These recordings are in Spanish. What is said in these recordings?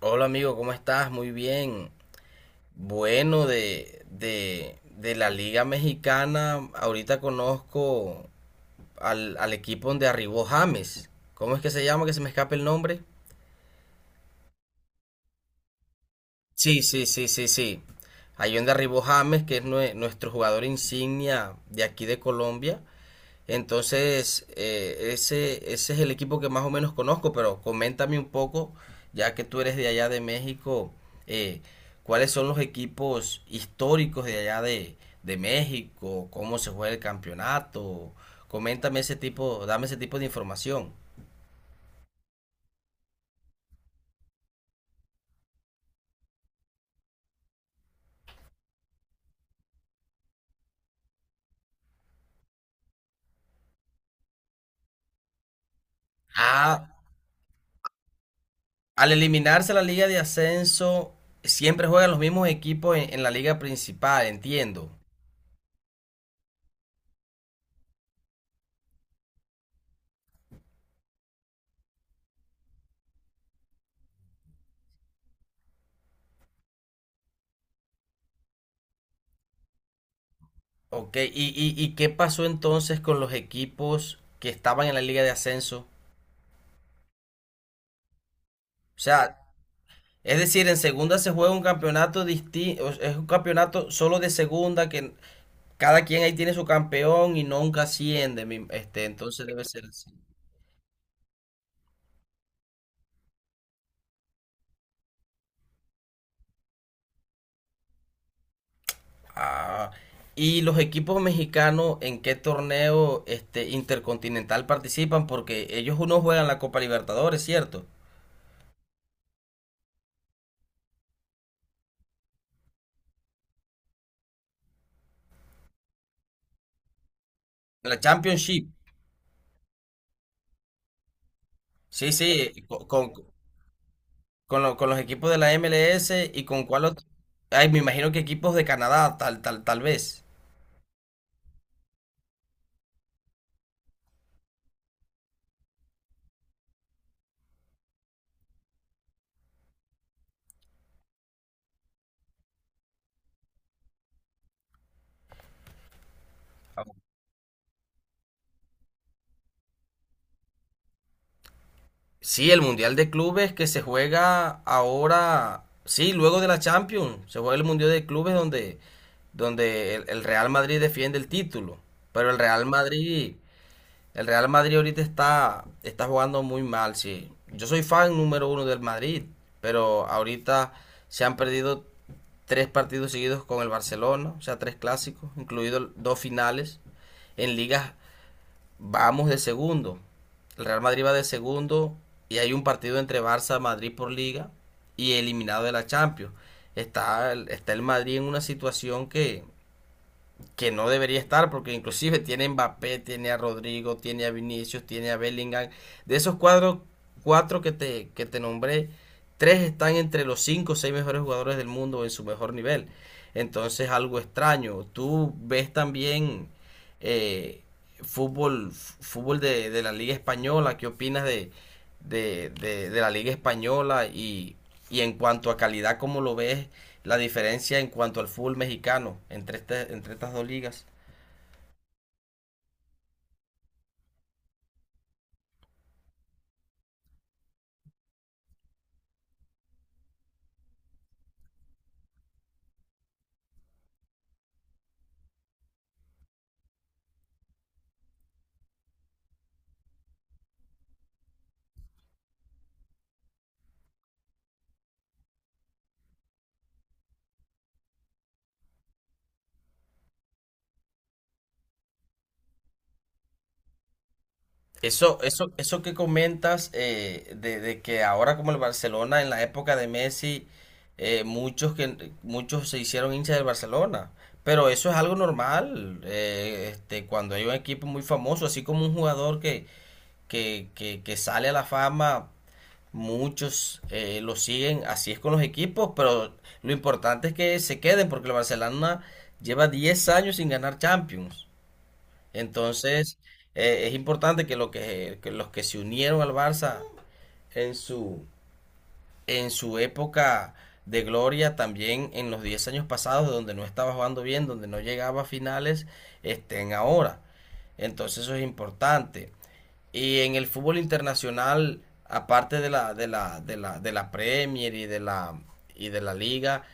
Hola amigo, ¿cómo estás? Muy bien. Bueno, de la Liga Mexicana, ahorita conozco al equipo donde arribó James. ¿Cómo es que se llama? Que se me escape el nombre. Sí, sí, sí, sí, sí. Ahí donde arribó James, que es nuestro jugador insignia de aquí de Colombia. Entonces, ese es el equipo que más o menos conozco, pero coméntame un poco, ya que tú eres de allá de México, eh, ¿cuáles son los equipos históricos de allá de México? ¿Cómo se juega el campeonato? Coméntame dame ese tipo de información. Ah, al eliminarse la liga de ascenso, siempre juegan los mismos equipos en la liga principal, entiendo. Ok, y qué pasó entonces con los equipos que estaban en la liga de ascenso? O sea, es decir, en segunda se juega un campeonato distinto, es un campeonato solo de segunda que cada quien ahí tiene su campeón y nunca asciende, entonces debe ser así. Ah, y los equipos mexicanos, ¿en qué torneo este intercontinental participan? Porque ellos uno juegan la Copa Libertadores, ¿cierto? La Championship. Sí, sí, con los equipos de la MLS y con cuál otro. Ay, me imagino que equipos de Canadá, tal vez. Sí, el Mundial de Clubes que se juega ahora, sí, luego de la Champions, se juega el Mundial de Clubes donde, donde el Real Madrid defiende el título. Pero el Real Madrid ahorita está, está jugando muy mal, sí. Yo soy fan número uno del Madrid, pero ahorita se han perdido tres partidos seguidos con el Barcelona, o sea, tres clásicos, incluidos dos finales en ligas. Vamos de segundo. El Real Madrid va de segundo y hay un partido entre Barça y Madrid por liga y eliminado de la Champions. Está, está el Madrid en una situación que no debería estar, porque inclusive tiene a Mbappé, tiene a Rodrigo, tiene a Vinicius, tiene a Bellingham. De esos cuatro que te nombré, tres están entre los cinco o seis mejores jugadores del mundo en su mejor nivel. Entonces, algo extraño. Tú ves también eh, fútbol de la Liga Española. ¿Qué opinas de la Liga Española? Y en cuanto a calidad, ¿cómo lo ves la diferencia en cuanto al fútbol mexicano entre, entre estas dos ligas? Eso que comentas de que ahora como el Barcelona en la época de Messi, muchos se hicieron hinchas del Barcelona. Pero eso es algo normal, cuando hay un equipo muy famoso, así como un jugador que sale a la fama. Muchos lo siguen, así es con los equipos, pero lo importante es que se queden porque el Barcelona lleva 10 años sin ganar Champions. Entonces, es importante que, que los que se unieron al Barça en su, en su época de gloria, también en los 10 años pasados, donde no estaba jugando bien, donde no llegaba a finales, estén ahora. Entonces, eso es importante. Y en el fútbol internacional, aparte de la Premier y y de la Liga,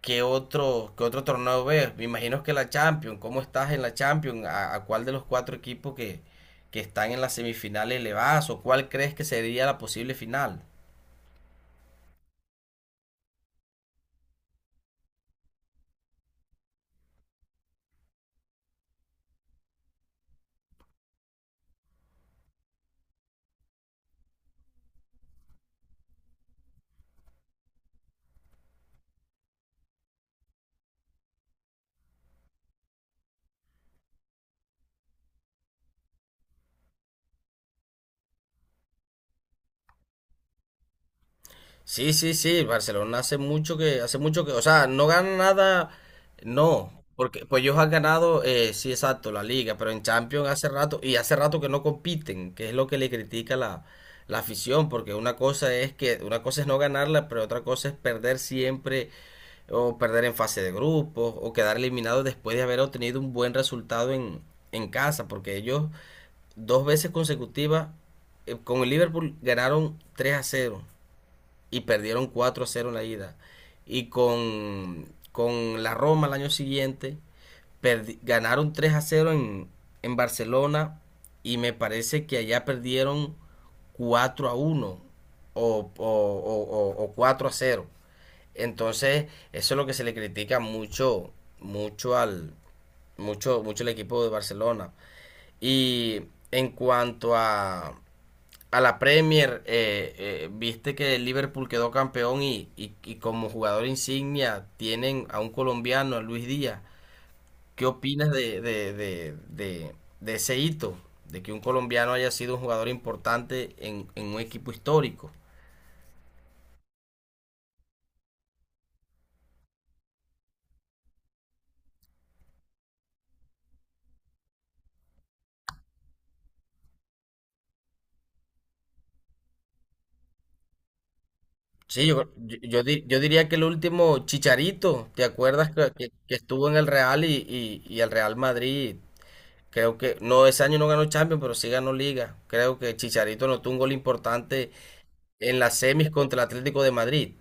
qué otro torneo ves? Me imagino que la Champions. ¿Cómo estás en la Champions? A cuál de los cuatro equipos que están en las semifinales le vas? ¿O cuál crees que sería la posible final? Sí, Barcelona hace mucho hace mucho que, o sea, no gana nada, no, porque pues ellos han ganado, sí, exacto, la liga, pero en Champions hace rato, y hace rato que no compiten, que es lo que le critica la afición, porque una cosa es no ganarla, pero otra cosa es perder siempre, o perder en fase de grupos, o quedar eliminado después de haber obtenido un buen resultado en casa, porque ellos dos veces consecutivas, con el Liverpool ganaron 3 a cero y perdieron 4 a cero en la ida. Y con, con la Roma el año siguiente ganaron 3 a cero en Barcelona y me parece que allá perdieron 4 a uno o 4 a cero. Entonces, eso es lo que se le critica mucho, mucho al, mucho, mucho el equipo de Barcelona. Y en cuanto a la Premier, viste que el Liverpool quedó campeón y, y como jugador insignia tienen a un colombiano, a Luis Díaz. ¿Qué opinas de ese hito? De que un colombiano haya sido un jugador importante en un equipo histórico. Sí, yo yo diría que el último Chicharito, ¿te acuerdas que estuvo en el Real y el Real Madrid? Creo que, no, ese año no ganó Champions, pero sí ganó Liga. Creo que Chicharito anotó un gol importante en las semis contra el Atlético de Madrid.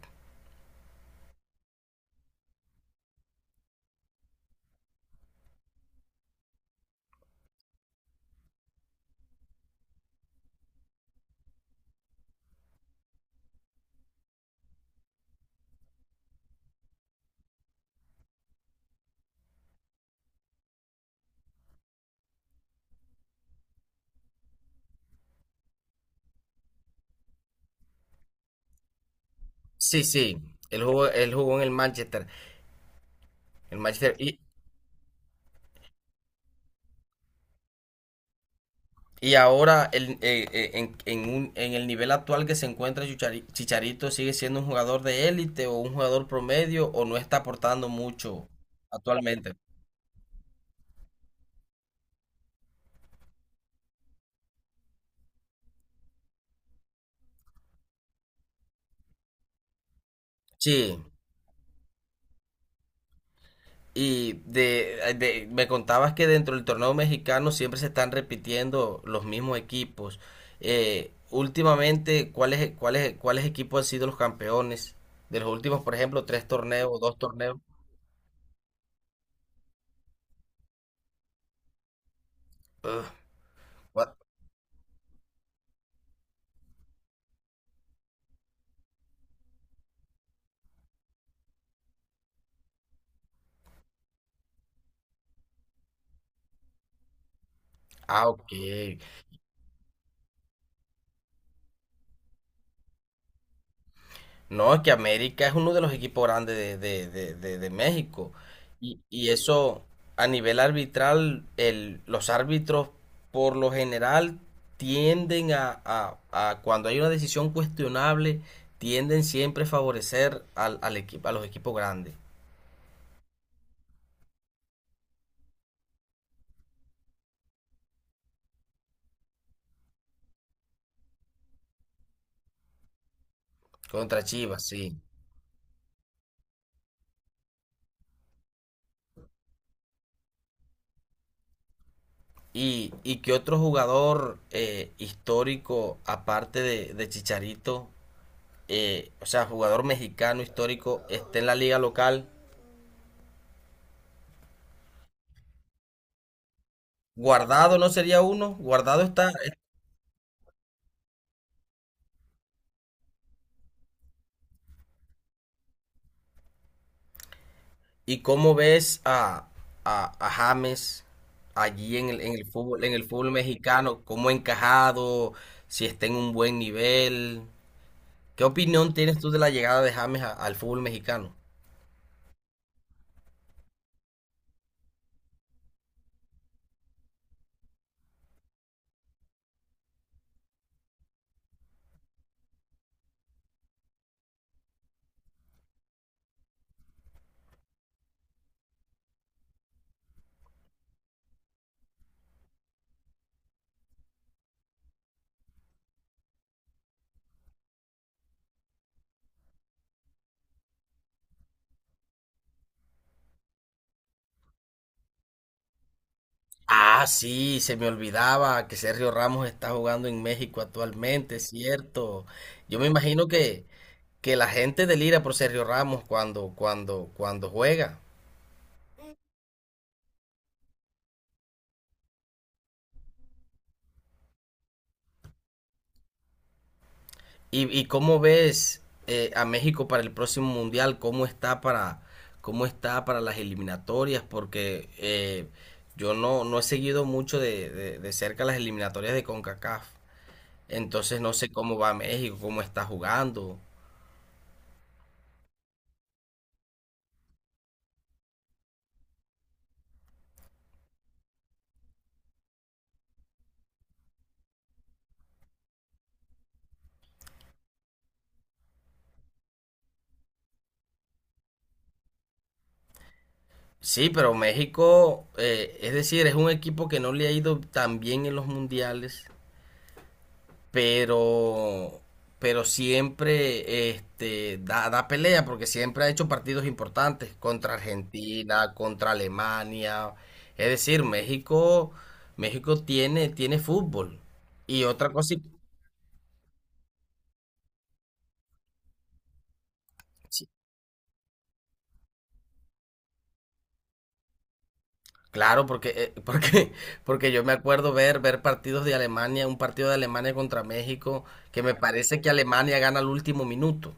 Sí, sí, él jugó en el Manchester y ahora en el nivel actual que se encuentra Chicharito sigue siendo un jugador de élite o un jugador promedio o no está aportando mucho actualmente. Sí. Y me contabas que dentro del torneo mexicano siempre se están repitiendo los mismos equipos. Últimamente, cuáles equipos han sido los campeones de los últimos, por ejemplo, tres torneos, dos torneos? Ugh, what? Ah, ok. No, es que América es uno de los equipos grandes de México. Y eso a nivel arbitral, los árbitros por lo general tienden a cuando hay una decisión cuestionable, tienden siempre a favorecer al equipo, a los equipos grandes. Contra Chivas, sí. Y qué otro jugador histórico, aparte de Chicharito, o sea, jugador mexicano histórico, esté en la liga local? Guardado no sería uno, Guardado está. ¿Y cómo ves a James allí en el fútbol mexicano? ¿Cómo ha encajado? Si está en un buen nivel. ¿Qué opinión tienes tú de la llegada de James a- al fútbol mexicano? Ah, sí, se me olvidaba que Sergio Ramos está jugando en México actualmente, es cierto. Yo me imagino que la gente delira por Sergio Ramos cuando, cuando juega. Y cómo ves a México para el próximo mundial? Cómo está para las eliminatorias? Porque yo no, no he seguido mucho de cerca las eliminatorias de CONCACAF. Entonces no sé cómo va México, cómo está jugando. Sí, pero México, es decir, es un equipo que no le ha ido tan bien en los mundiales, pero, pero siempre este, da, da pelea porque siempre ha hecho partidos importantes contra Argentina, contra Alemania. Es decir, México, México tiene, tiene fútbol. Y otra cosa, y- sí, claro, porque, porque, porque yo me acuerdo ver, ver partidos de Alemania, un partido de Alemania contra México, que me parece que Alemania gana al último minuto.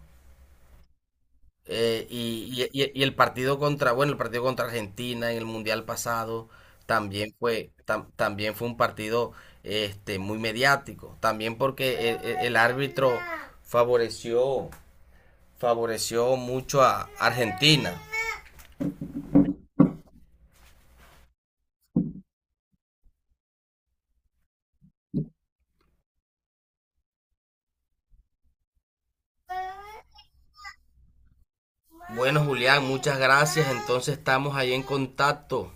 Y el partido contra, bueno, el partido contra Argentina en el Mundial pasado también fue, también fue un partido este, muy mediático. También porque el árbitro favoreció, favoreció mucho a Argentina. Bueno, Julián, muchas gracias. Entonces estamos ahí en contacto.